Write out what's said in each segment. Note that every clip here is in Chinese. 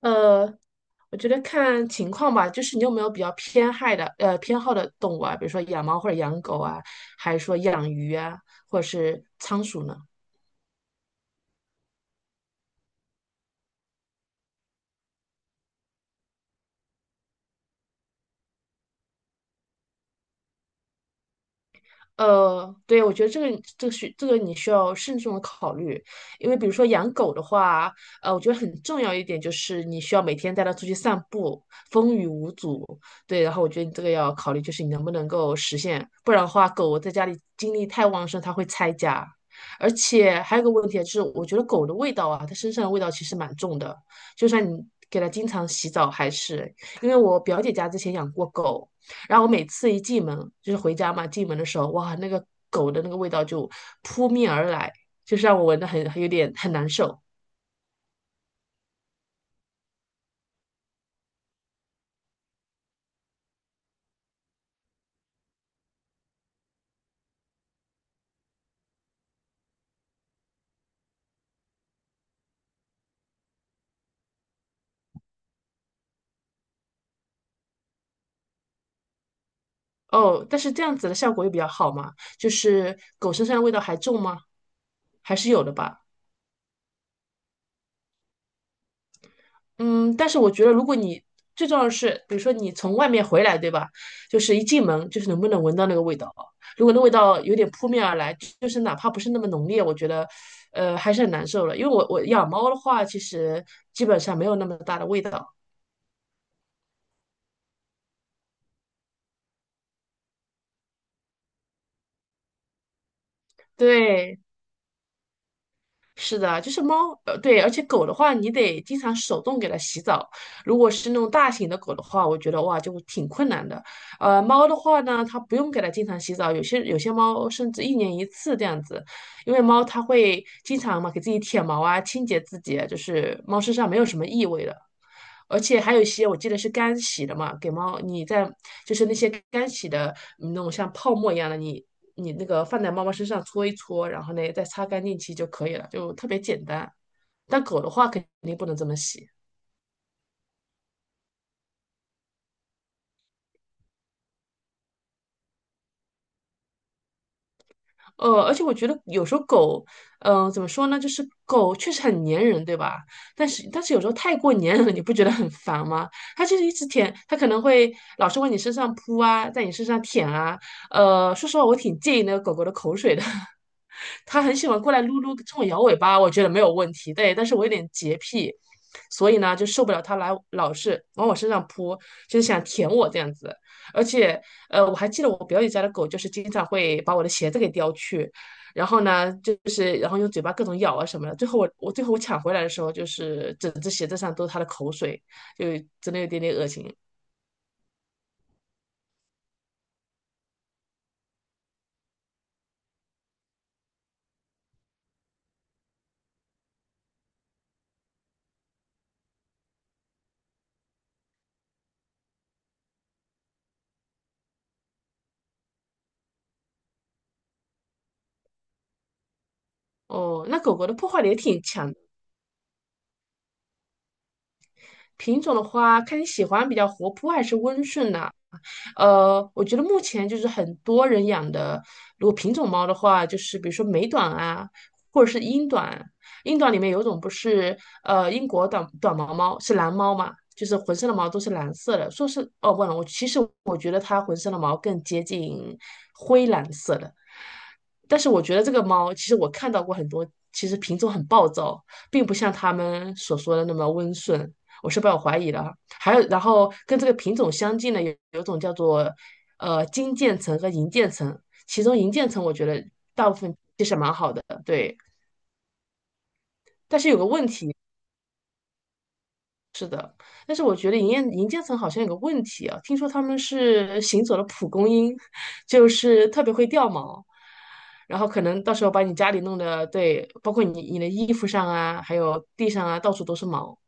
呃，我觉得看情况吧，就是你有没有比较偏爱的偏好的动物啊，比如说养猫或者养狗啊，还是说养鱼啊，或者是仓鼠呢？对，我觉得这个这个需这个你需要慎重的考虑，因为比如说养狗的话，我觉得很重要一点就是你需要每天带它出去散步，风雨无阻。对，然后我觉得你这个要考虑，就是你能不能够实现，不然的话，狗在家里精力太旺盛，它会拆家。而且还有个问题啊就是，我觉得狗的味道啊，它身上的味道其实蛮重的，就算你给它经常洗澡，还是因为我表姐家之前养过狗。然后我每次一进门，就是回家嘛，进门的时候，哇，那个狗的那个味道就扑面而来，就是让我闻的很有点很难受。哦，但是这样子的效果又比较好嘛，就是狗身上的味道还重吗？还是有的吧。嗯，但是我觉得，如果你最重要的是，比如说你从外面回来，对吧？就是一进门，就是能不能闻到那个味道。如果那味道有点扑面而来，就是哪怕不是那么浓烈，我觉得，还是很难受了。因为我养猫的话，其实基本上没有那么大的味道。对，是的，就是猫，对，而且狗的话，你得经常手动给它洗澡。如果是那种大型的狗的话，我觉得哇，就挺困难的。猫的话呢，它不用给它经常洗澡，有些猫甚至一年一次这样子，因为猫它会经常嘛给自己舔毛啊，清洁自己啊就是猫身上没有什么异味的。而且还有一些我记得是干洗的嘛，给猫你在就是那些干洗的嗯那种像泡沫一样的，你那个放在猫猫身上搓一搓，然后呢再擦干净其实就可以了，就特别简单。但狗的话肯定不能这么洗。而且我觉得有时候狗，嗯，怎么说呢？就是狗确实很粘人，对吧？但是有时候太过粘人了，你不觉得很烦吗？它就是一直舔，它可能会老是往你身上扑啊，在你身上舔啊。说实话，我挺介意那个狗狗的口水的。它很喜欢过来撸撸，冲我摇尾巴，我觉得没有问题。对，但是我有点洁癖，所以呢就受不了它来老是往我身上扑，就是想舔我这样子。而且，我还记得我表姐家的狗就是经常会把我的鞋子给叼去，然后呢，就是然后用嘴巴各种咬啊什么的。最后我抢回来的时候，就是整只鞋子上都是它的口水，就真的有点点恶心。哦，那狗狗的破坏力也挺强的。品种的话，看你喜欢比较活泼还是温顺呐、我觉得目前就是很多人养的，如果品种猫的话，就是比如说美短啊，或者是英短。英短里面有一种不是英国短毛猫是蓝猫嘛，就是浑身的毛都是蓝色的。说是哦，忘了，我其实我觉得它浑身的毛更接近灰蓝色的。但是我觉得这个猫，其实我看到过很多，其实品种很暴躁，并不像他们所说的那么温顺。我是抱有怀疑的啊。还有，然后跟这个品种相近的有一种叫做金渐层和银渐层，其中银渐层我觉得大部分其实蛮好的，对。但是有个问题，但是我觉得银渐层好像有个问题啊，听说他们是行走的蒲公英，就是特别会掉毛，然后可能到时候把你家里弄得，对，包括你的衣服上啊，还有地上啊，到处都是毛。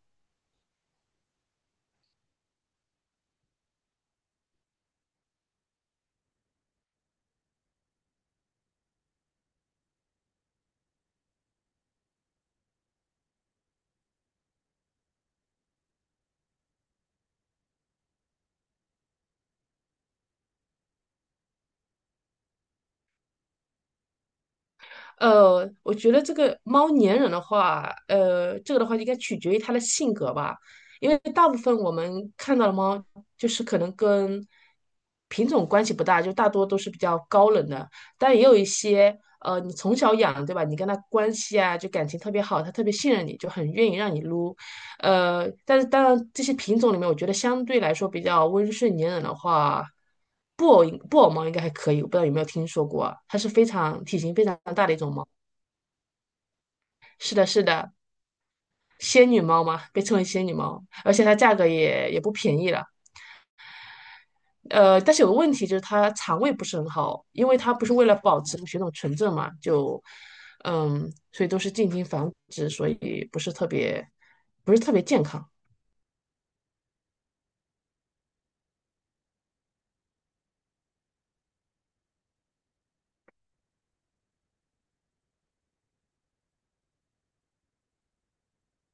我觉得这个猫粘人的话，这个的话应该取决于它的性格吧，因为大部分我们看到的猫就是可能跟品种关系不大，就大多都是比较高冷的，但也有一些，你从小养，对吧？你跟它关系啊，就感情特别好，它特别信任你，就很愿意让你撸。但是当然，这些品种里面，我觉得相对来说比较温顺粘人的话，布偶猫应该还可以，我不知道有没有听说过啊它是非常体型非常大的一种猫。是的，是的，仙女猫嘛，被称为仙女猫，而且它价格也不便宜了。但是有个问题就是它肠胃不是很好，因为它不是为了保持血统纯正嘛，就嗯，所以都是进行繁殖，所以不是特别健康。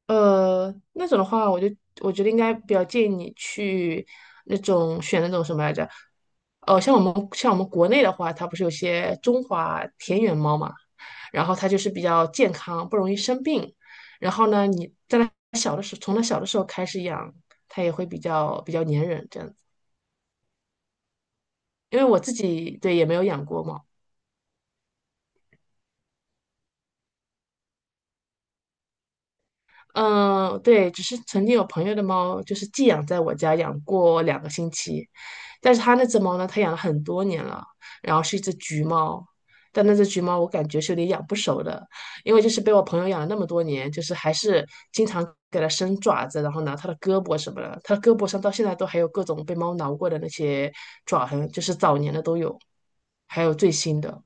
那种的话，我觉得应该比较建议你去选那种什么来着？哦，像我们国内的话，它不是有些中华田园猫嘛，然后它就是比较健康，不容易生病。然后呢，你在它小的时候，从它小的时候开始养，它也会比较粘人这样子。因为我自己对也没有养过猫。嗯，对，只是曾经有朋友的猫就是寄养在我家养过两个星期，但是他那只猫呢，它养了很多年了，然后是一只橘猫，但那只橘猫我感觉是有点养不熟的，因为就是被我朋友养了那么多年，就是还是经常给它伸爪子，然后拿它的胳膊什么的，它的胳膊上到现在都还有各种被猫挠过的那些爪痕，就是早年的都有，还有最新的。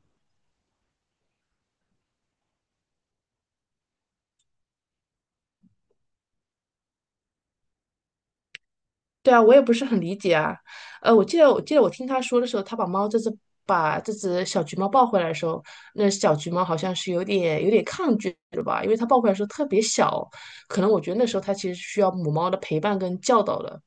对啊，我也不是很理解啊。我记得我听他说的时候，他把这只小橘猫抱回来的时候，那小橘猫好像是有点抗拒的吧，因为它抱回来的时候特别小，可能我觉得那时候它其实需要母猫的陪伴跟教导的。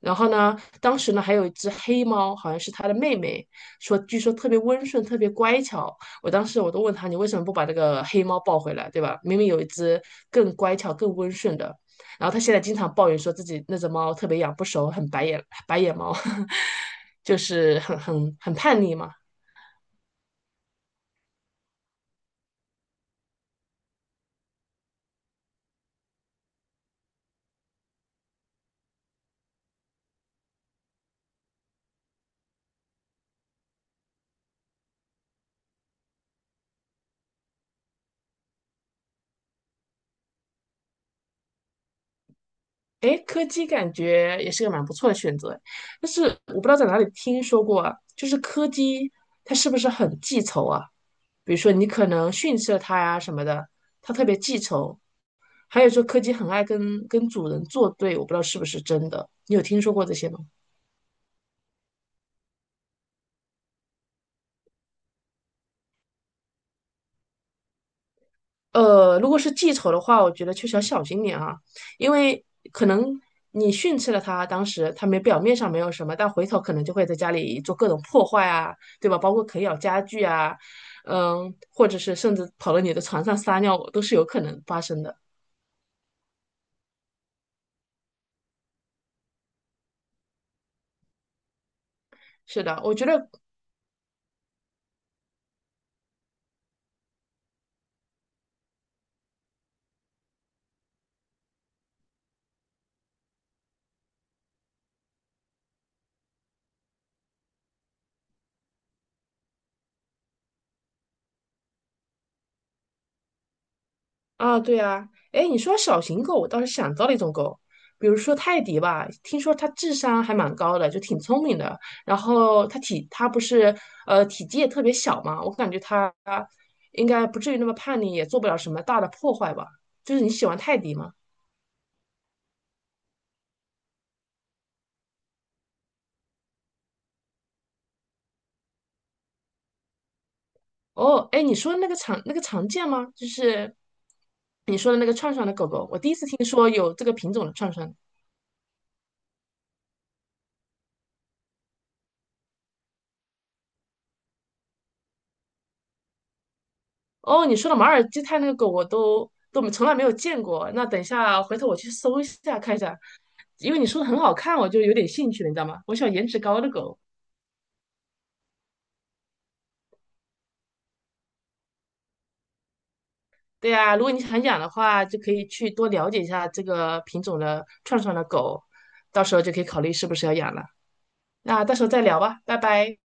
然后呢，当时呢还有一只黑猫，好像是它的妹妹，据说特别温顺，特别乖巧。我当时我都问他，你为什么不把这个黑猫抱回来，对吧？明明有一只更乖巧、更温顺的。然后他现在经常抱怨说自己那只猫特别养不熟，很白眼猫，就是很叛逆嘛。哎，柯基感觉也是个蛮不错的选择，但是我不知道在哪里听说过啊，就是柯基它是不是很记仇啊？比如说你可能训斥了它呀什么的，它特别记仇。还有说柯基很爱跟主人作对，我不知道是不是真的，你有听说过这些吗？如果是记仇的话，我觉得确实要小心点啊，因为可能你训斥了他，当时他没表面上没有什么，但回头可能就会在家里做各种破坏啊，对吧？包括啃咬家具啊，嗯，或者是甚至跑到你的床上撒尿，都是有可能发生的。是的，我觉得啊，对啊，哎，你说小型狗，我倒是想到了一种狗，比如说泰迪吧，听说它智商还蛮高的，就挺聪明的。然后它体，它不是体积也特别小嘛，我感觉它应该不至于那么叛逆，也做不了什么大的破坏吧。就是你喜欢泰迪吗？哦，哎，你说那个常那个常见吗？就是你说的那个串串的狗狗，我第一次听说有这个品种的串串。哦，你说的马尔济泰那个狗我都从来没有见过。那等一下回头我去搜一下看一下，因为你说的很好看，我就有点兴趣了，你知道吗？我喜欢颜值高的狗。对呀，如果你想养的话，就可以去多了解一下这个品种的串串的狗，到时候就可以考虑是不是要养了。那到时候再聊吧，拜拜。